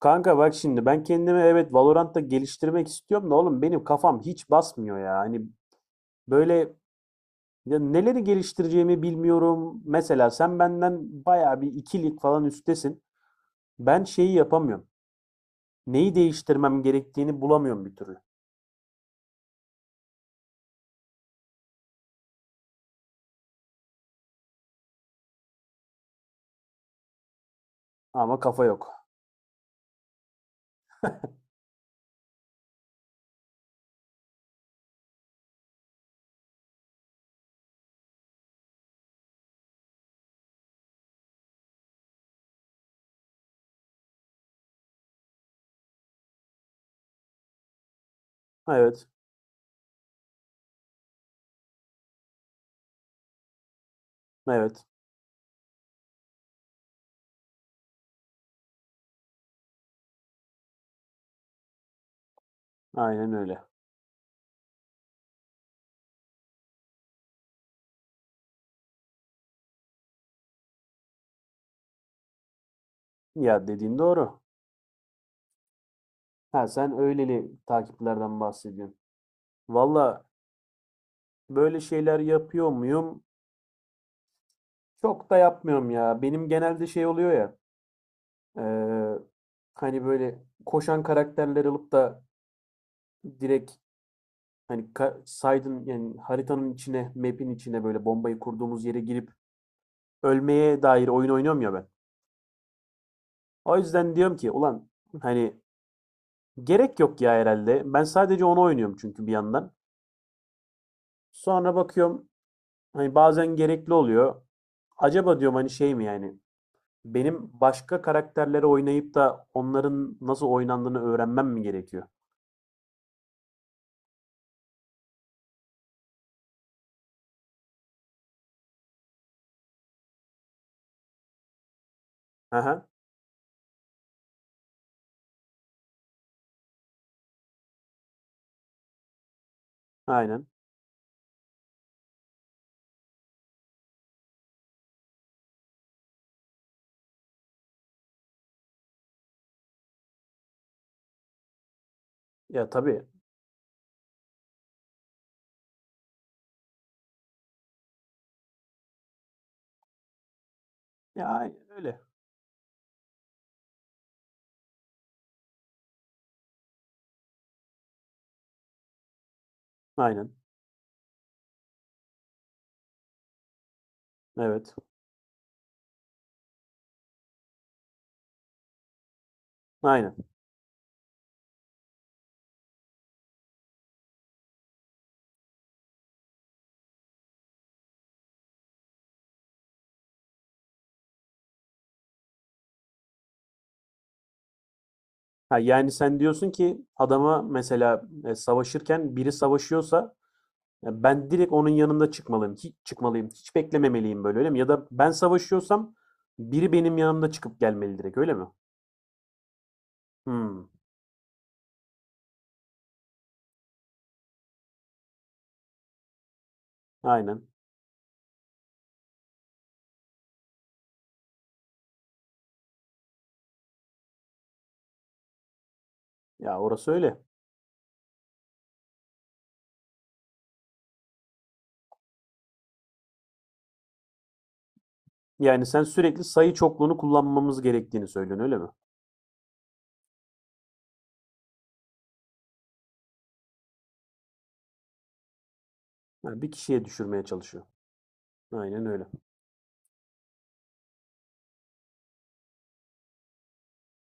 Kanka bak şimdi ben kendimi evet Valorant'ta geliştirmek istiyorum da oğlum benim kafam hiç basmıyor ya. Hani böyle ya neleri geliştireceğimi bilmiyorum. Mesela sen benden bayağı bir ikilik falan üstesin. Ben şeyi yapamıyorum. Neyi değiştirmem gerektiğini bulamıyorum bir türlü. Ama kafa yok. Evet, evet. Aynen öyle. Ya dediğin doğru. Ha sen öyleli takiplerden bahsediyorsun. Valla böyle şeyler yapıyor muyum? Çok da yapmıyorum ya. Benim genelde şey oluyor ya. Eee, hani böyle koşan karakterler alıp da direkt hani ka saydın yani haritanın içine, map'in içine böyle bombayı kurduğumuz yere girip ölmeye dair oyun oynuyorum ya ben. O yüzden diyorum ki ulan hani gerek yok ya herhalde. Ben sadece onu oynuyorum çünkü bir yandan. Sonra bakıyorum hani bazen gerekli oluyor. Acaba diyorum hani şey mi yani benim başka karakterleri oynayıp da onların nasıl oynandığını öğrenmem mi gerekiyor? Aha, aynen. Ya tabii. Ya, aynen öyle. Aynen. Evet. Aynen. Ha, yani sen diyorsun ki adama mesela savaşırken biri savaşıyorsa ya ben direkt onun yanında çıkmalıyım. Hiç çıkmalıyım. Hiç beklememeliyim böyle öyle mi? Ya da ben savaşıyorsam biri benim yanımda çıkıp gelmeli direkt öyle mi? Hmm. Aynen. Ya orası öyle. Yani sen sürekli sayı çokluğunu kullanmamız gerektiğini söylüyorsun öyle mi? Ha, bir kişiye düşürmeye çalışıyor. Aynen öyle.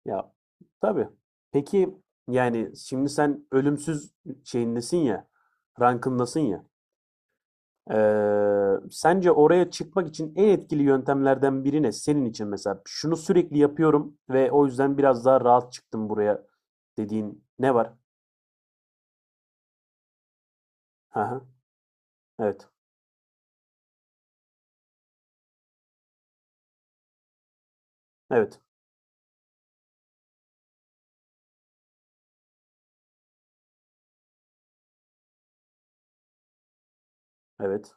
Ya tabii. Peki yani şimdi sen ölümsüz şeyindesin ya, rankındasın ya. Sence oraya çıkmak için en etkili yöntemlerden biri ne? Senin için mesela şunu sürekli yapıyorum ve o yüzden biraz daha rahat çıktım buraya dediğin ne var? Aha, evet. Evet. Evet.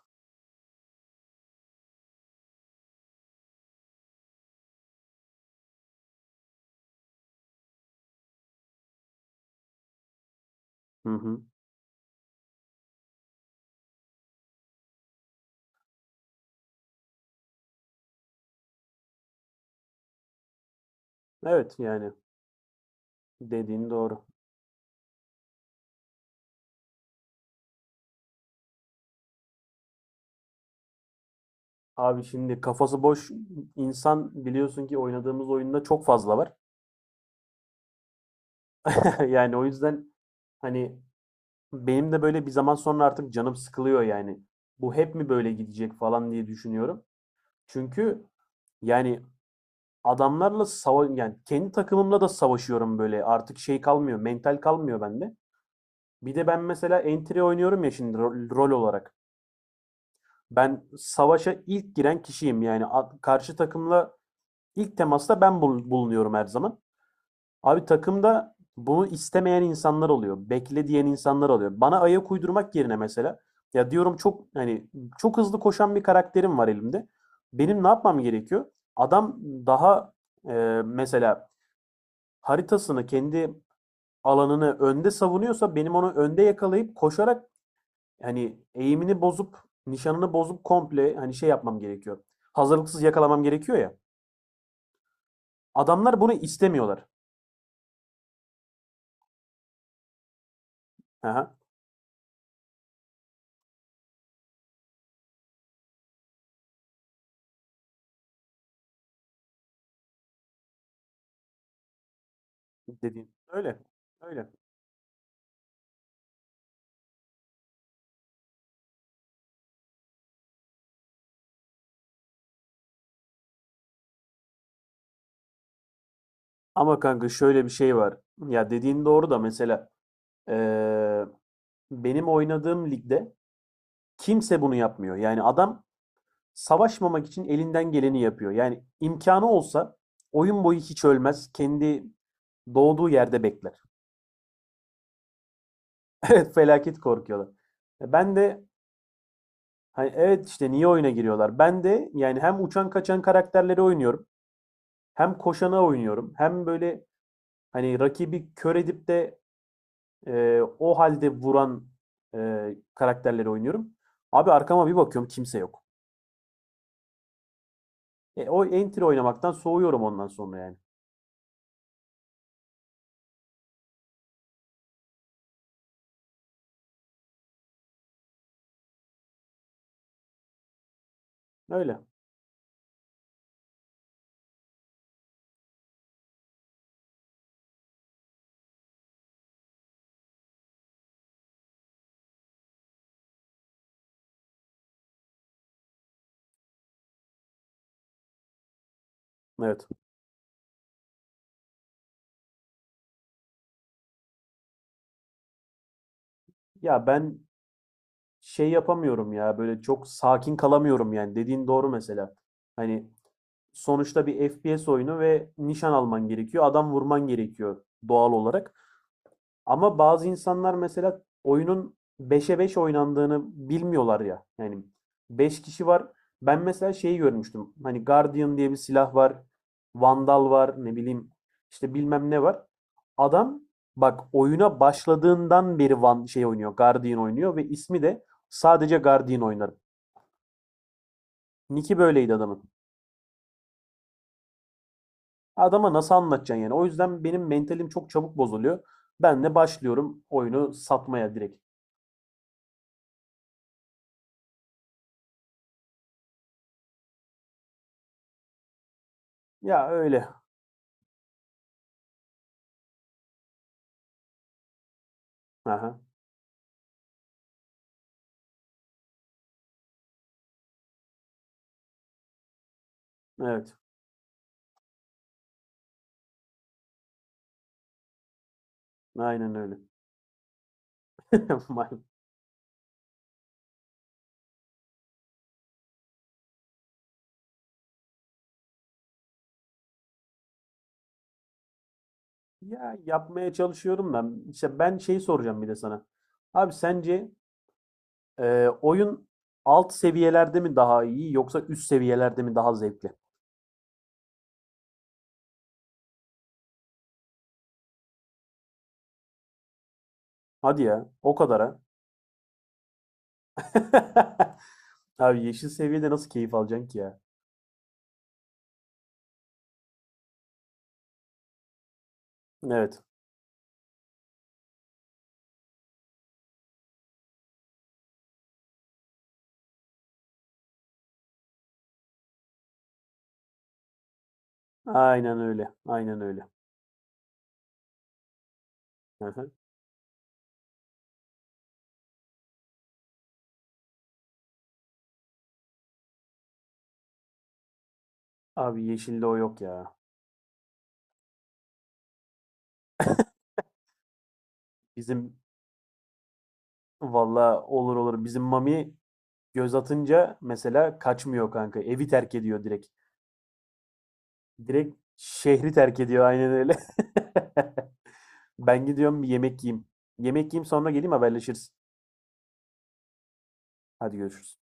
Hı hı. Evet yani dediğin doğru. Abi şimdi kafası boş insan biliyorsun ki oynadığımız oyunda çok fazla var. Yani o yüzden hani benim de böyle bir zaman sonra artık canım sıkılıyor yani. Bu hep mi böyle gidecek falan diye düşünüyorum. Çünkü yani adamlarla sava yani kendi takımımla da savaşıyorum böyle. Artık şey kalmıyor, mental kalmıyor bende. Bir de ben mesela entry oynuyorum ya şimdi rol olarak. Ben savaşa ilk giren kişiyim yani karşı takımla ilk temasta ben bulunuyorum her zaman. Abi takımda bunu istemeyen insanlar oluyor. Bekle diyen insanlar oluyor. Bana ayak uydurmak yerine mesela ya diyorum çok hani çok hızlı koşan bir karakterim var elimde. Benim ne yapmam gerekiyor? Adam daha e, mesela haritasını kendi alanını önde savunuyorsa benim onu önde yakalayıp koşarak hani eğimini bozup nişanını bozup komple hani şey yapmam gerekiyor. Hazırlıksız yakalamam gerekiyor ya. Adamlar bunu istemiyorlar. Aha, dediğin. Öyle. Öyle. Ama kanka şöyle bir şey var. Ya dediğin doğru da mesela eee, benim oynadığım ligde kimse bunu yapmıyor. Yani adam savaşmamak için elinden geleni yapıyor. Yani imkanı olsa oyun boyu hiç ölmez. Kendi doğduğu yerde bekler. Evet felaket korkuyorlar. E ben de hani evet işte niye oyuna giriyorlar? Ben de yani hem uçan kaçan karakterleri oynuyorum. Hem koşana oynuyorum. Hem böyle hani rakibi kör edip de o halde vuran karakterleri oynuyorum. Abi arkama bir bakıyorum kimse yok. E, o entry oynamaktan soğuyorum ondan sonra yani. Öyle. Evet. Ya ben şey yapamıyorum ya böyle çok sakin kalamıyorum yani. Dediğin doğru mesela. Hani sonuçta bir FPS oyunu ve nişan alman gerekiyor. Adam vurman gerekiyor doğal olarak. Ama bazı insanlar mesela oyunun beşe 5 oynandığını bilmiyorlar ya. Yani 5 kişi var. Ben mesela şeyi görmüştüm. Hani Guardian diye bir silah var. Vandal var. Ne bileyim işte bilmem ne var. Adam bak oyuna başladığından beri Van şey oynuyor. Guardian oynuyor ve ismi de sadece Guardian oynar. Nick'i böyleydi adamın. Adama nasıl anlatacaksın yani? O yüzden benim mentalim çok çabuk bozuluyor. Ben de başlıyorum oyunu satmaya direkt. Ya öyle. Aha, evet. Aynen öyle. Mal- ya yapmaya çalışıyorum da işte ben şeyi soracağım bir de sana. Abi sence oyun alt seviyelerde mi daha iyi yoksa üst seviyelerde mi daha zevkli? Hadi ya o kadar ha. Abi yeşil seviyede nasıl keyif alacaksın ki ya? Evet. Aynen öyle. Aynen öyle. Hı hı. Abi yeşilde o yok ya. Bizim valla olur olur. Bizim Mami göz atınca mesela kaçmıyor kanka. Evi terk ediyor direkt. Direkt şehri terk ediyor aynen öyle. Ben gidiyorum bir yemek yiyeyim. Yemek yiyeyim sonra geleyim haberleşiriz. Hadi görüşürüz.